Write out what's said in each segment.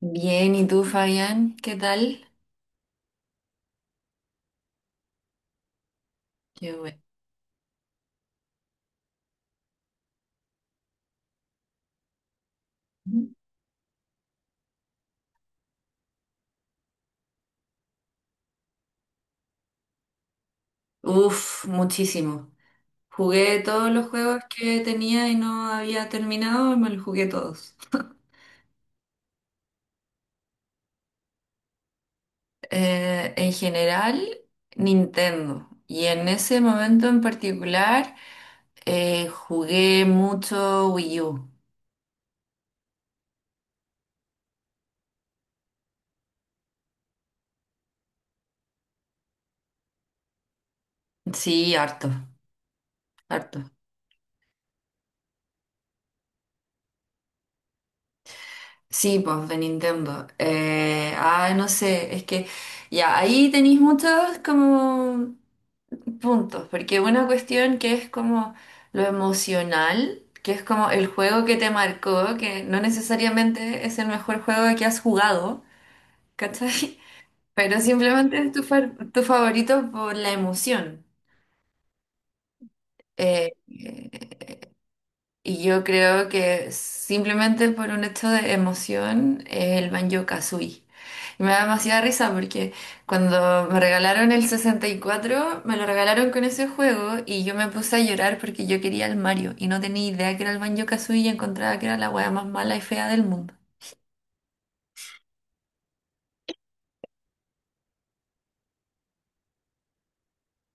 Bien, ¿y tú, Fabián? ¿Qué tal? Qué bueno. Uf, muchísimo. Jugué todos los juegos que tenía y no había terminado, me los jugué todos. En general, Nintendo. Y en ese momento en particular, jugué mucho Wii U. Sí, harto, harto. Sí, pues de Nintendo. No sé, es que ya ahí tenéis muchos como puntos, porque una cuestión que es como lo emocional, que es como el juego que te marcó, que no necesariamente es el mejor juego que has jugado, ¿cachai? Pero simplemente es tu favorito por la emoción. Eh, eh, y yo creo que simplemente por un hecho de emoción, el Banjo-Kazooie. Y me da demasiada risa porque cuando me regalaron el 64 me lo regalaron con ese juego y yo me puse a llorar porque yo quería el Mario y no tenía idea que era el Banjo-Kazooie y encontraba que era la wea más mala y fea del mundo.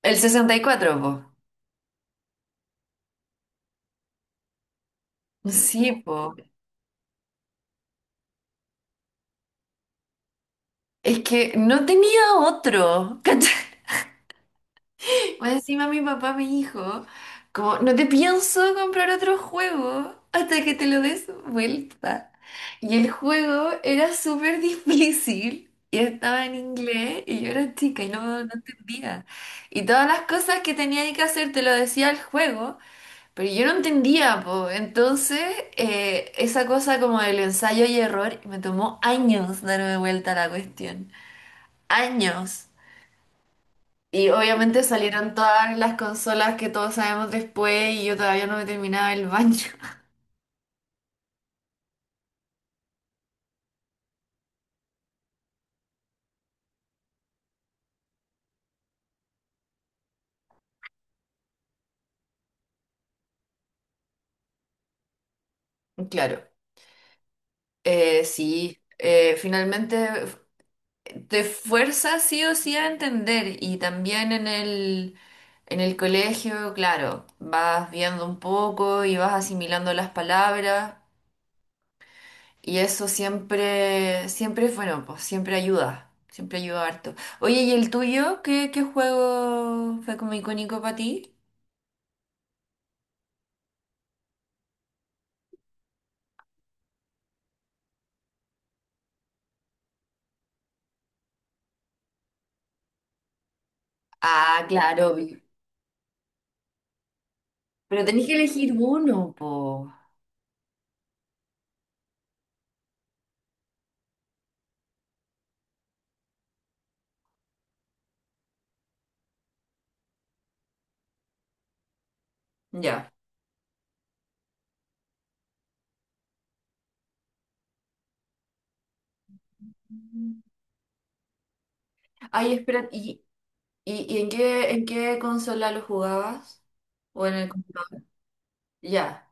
El 64 po. Sí, po. Es que no tenía otro. ¿Cachai? O encima mi papá me dijo, como, no te pienso comprar otro juego hasta que te lo des vuelta. Y el juego era súper difícil y estaba en inglés y yo era chica y no, no entendía. Y todas las cosas que tenía que hacer te lo decía el juego, pero yo no entendía, po. Entonces, esa cosa como del ensayo y error me tomó años darme vuelta a la cuestión. Años. Y obviamente salieron todas las consolas que todos sabemos después y yo todavía no me terminaba el baño. Claro, sí, finalmente te fuerza sí o sí a entender y también en el colegio, claro, vas viendo un poco y vas asimilando las palabras y eso siempre, siempre es bueno, pues siempre ayuda harto. Oye, ¿y el tuyo? ¿Qué juego fue como icónico para ti? Ah, claro, obvio. Pero tenés que elegir uno, po. Ya. Mm. Ay, espera, ¿y en qué consola lo jugabas? ¿O en el computador? Ya.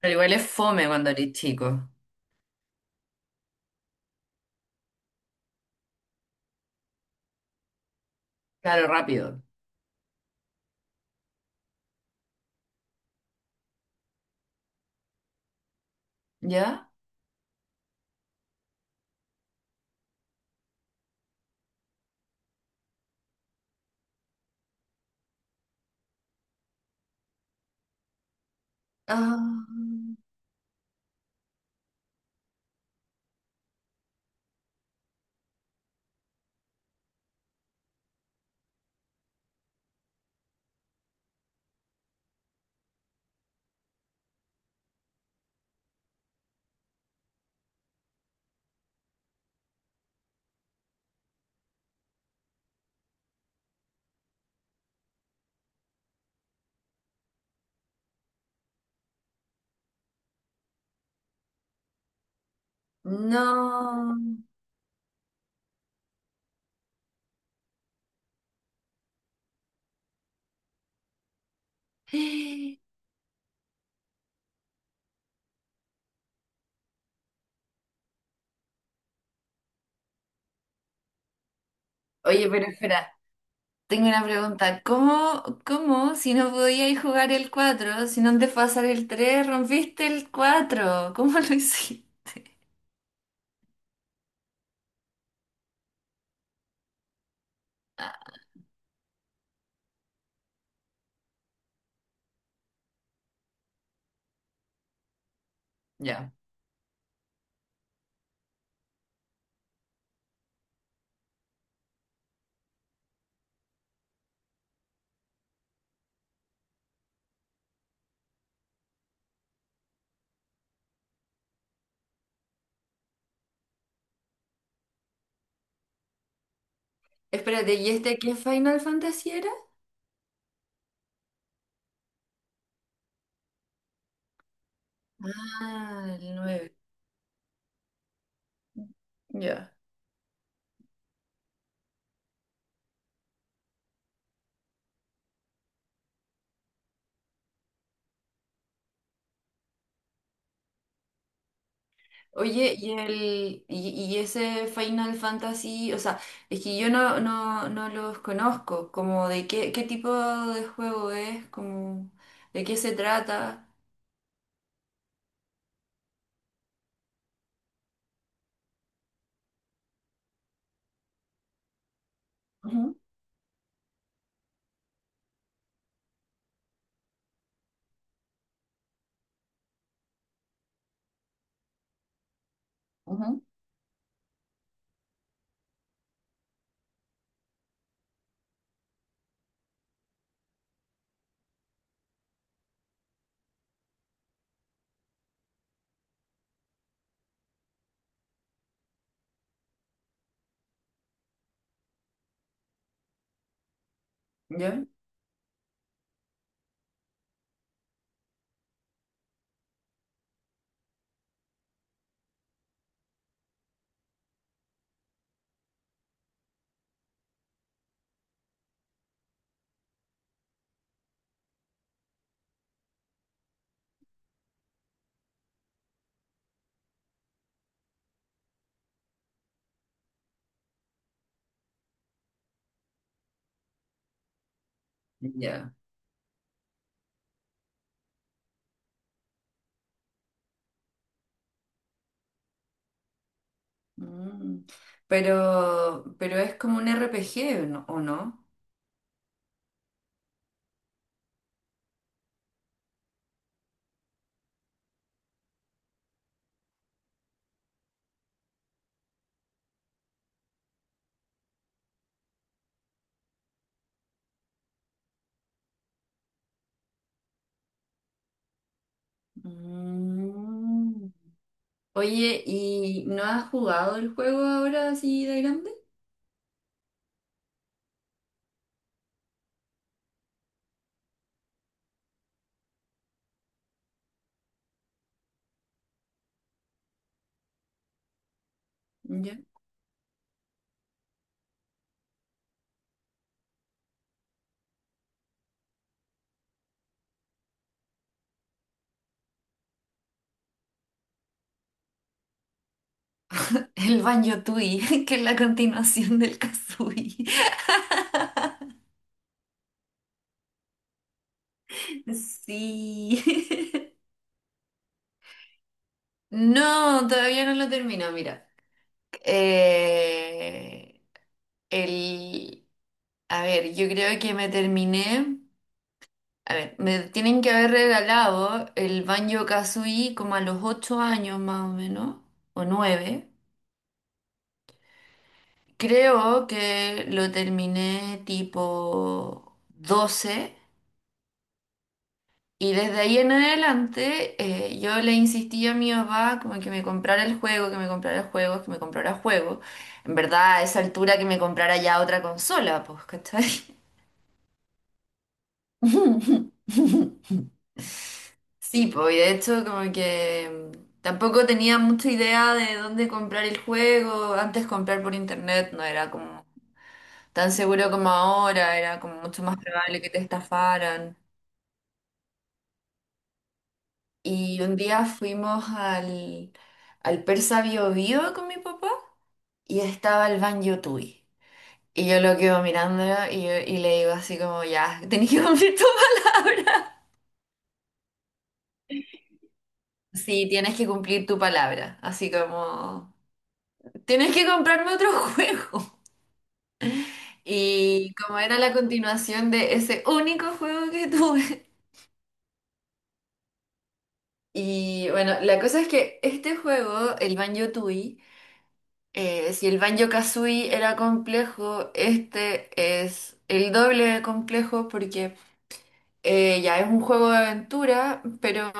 Pero igual es fome cuando eres chico. Claro, rápido. ¿Ya? Ah, no. Oye, pero espera, tengo una pregunta. ¿Cómo, si no podíais jugar el 4 si no antes pasar el 3 rompiste el cuatro? ¿Cómo lo hiciste? Ya. Espérate, ¿y este qué Final Fantasy era? Ah, el nueve. Ya. Oye, y ese Final Fantasy, o sea, es que yo no, no, no los conozco, como de qué tipo de juego es, como de qué se trata. Ujú, ujú. ¿Ya? Ya. Mm. Pero es como un RPG, ¿no? ¿O no? Mm. Oye, ¿y no has jugado el juego ahora así de grande? El Banjo Tui, que es la continuación del Kazooie. Sí. No, todavía no lo termino, mira. Eh, el, a ver, yo creo que me terminé. A ver, me tienen que haber regalado el Banjo Kazooie como a los 8 años más o menos, o 9. Creo que lo terminé tipo 12. Y desde ahí en adelante yo le insistí a mi papá como que me comprara el juego, que me comprara el juego, que me comprara el juego. En verdad, a esa altura que me comprara ya otra consola, pues, ¿cachai? Sí, pues, y de hecho como que tampoco tenía mucha idea de dónde comprar el juego. Antes comprar por internet no era como tan seguro como ahora, era como mucho más probable que te estafaran. Y un día fuimos al Persa Bio Bio con mi papá. Y estaba el Ban Yutui. Y yo lo quedo mirándolo y le digo así como, ya, tenés que cumplir tu palabra. Sí, tienes que cumplir tu palabra. Así como, tienes que comprarme otro juego. Y como era la continuación de ese único juego que tuve. Y bueno, la cosa es que este juego, el Banjo-Tooie, si el Banjo-Kazooie era complejo, este es el doble de complejo porque ya es un juego de aventura, pero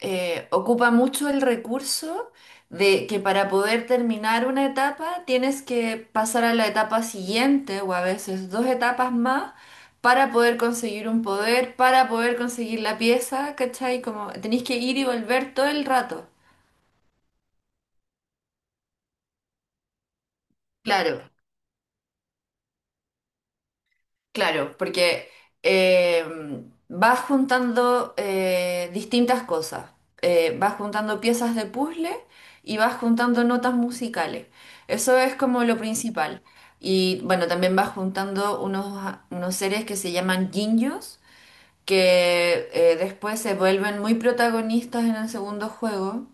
ocupa mucho el recurso de que para poder terminar una etapa tienes que pasar a la etapa siguiente o a veces dos etapas más para poder conseguir un poder, para poder conseguir la pieza, ¿cachai? Como tenéis que ir y volver todo el rato. Claro, claro, porque vas juntando distintas cosas. Vas juntando piezas de puzzle y vas juntando notas musicales. Eso es como lo principal. Y bueno, también vas juntando unos seres que se llaman Jinjos, que después se vuelven muy protagonistas en el segundo juego.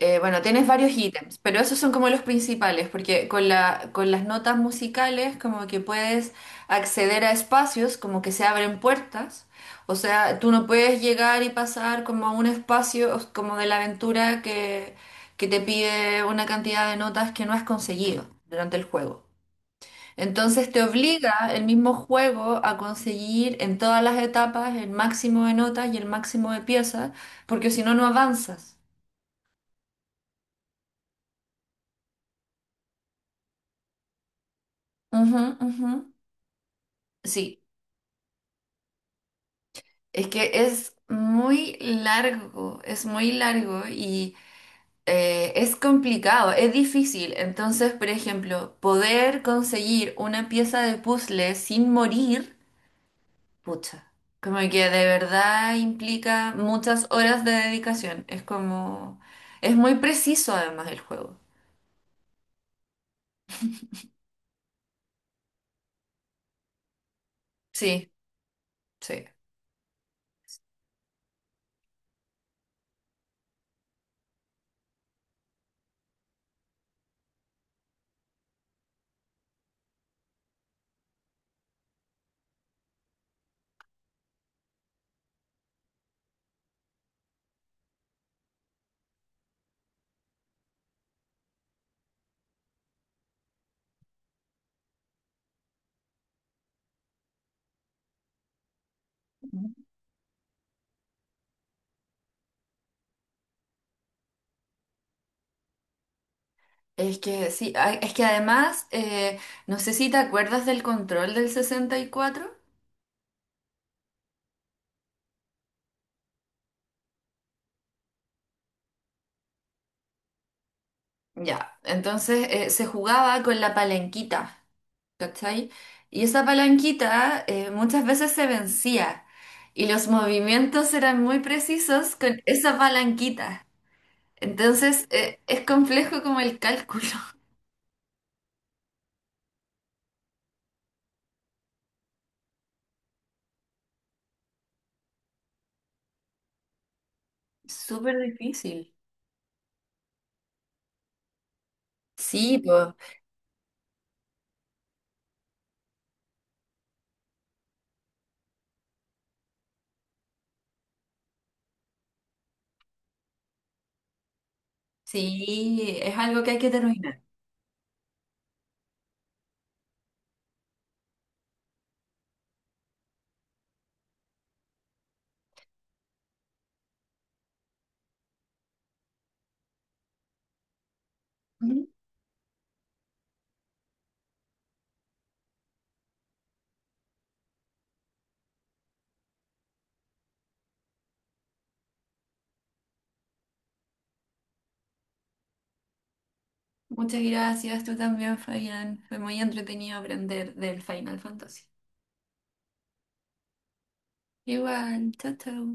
Bueno, tienes varios ítems, pero esos son como los principales, porque con las notas musicales como que puedes acceder a espacios, como que se abren puertas, o sea, tú no puedes llegar y pasar como a un espacio como de la aventura que te pide una cantidad de notas que no has conseguido durante el juego. Entonces te obliga el mismo juego a conseguir en todas las etapas el máximo de notas y el máximo de piezas, porque si no, no avanzas. Ujú, ujú. Sí, es que es muy largo y es complicado, es difícil. Entonces, por ejemplo, poder conseguir una pieza de puzzle sin morir, pucha, como que de verdad implica muchas horas de dedicación. Es como, es muy preciso además el juego. Sí, sí. Es que sí, ay, es que además, no sé si te acuerdas del control del 64. Ya, entonces se jugaba con la palanquita, ¿cachai? Y esa palanquita muchas veces se vencía y los movimientos eran muy precisos con esa palanquita. Entonces es complejo como el cálculo. Súper difícil. Sí, pues, sí, es algo que hay que terminar. Ujú. Muchas gracias, tú también, Fabián. Fue muy entretenido aprender del Final Fantasy. Igual, chao, chao.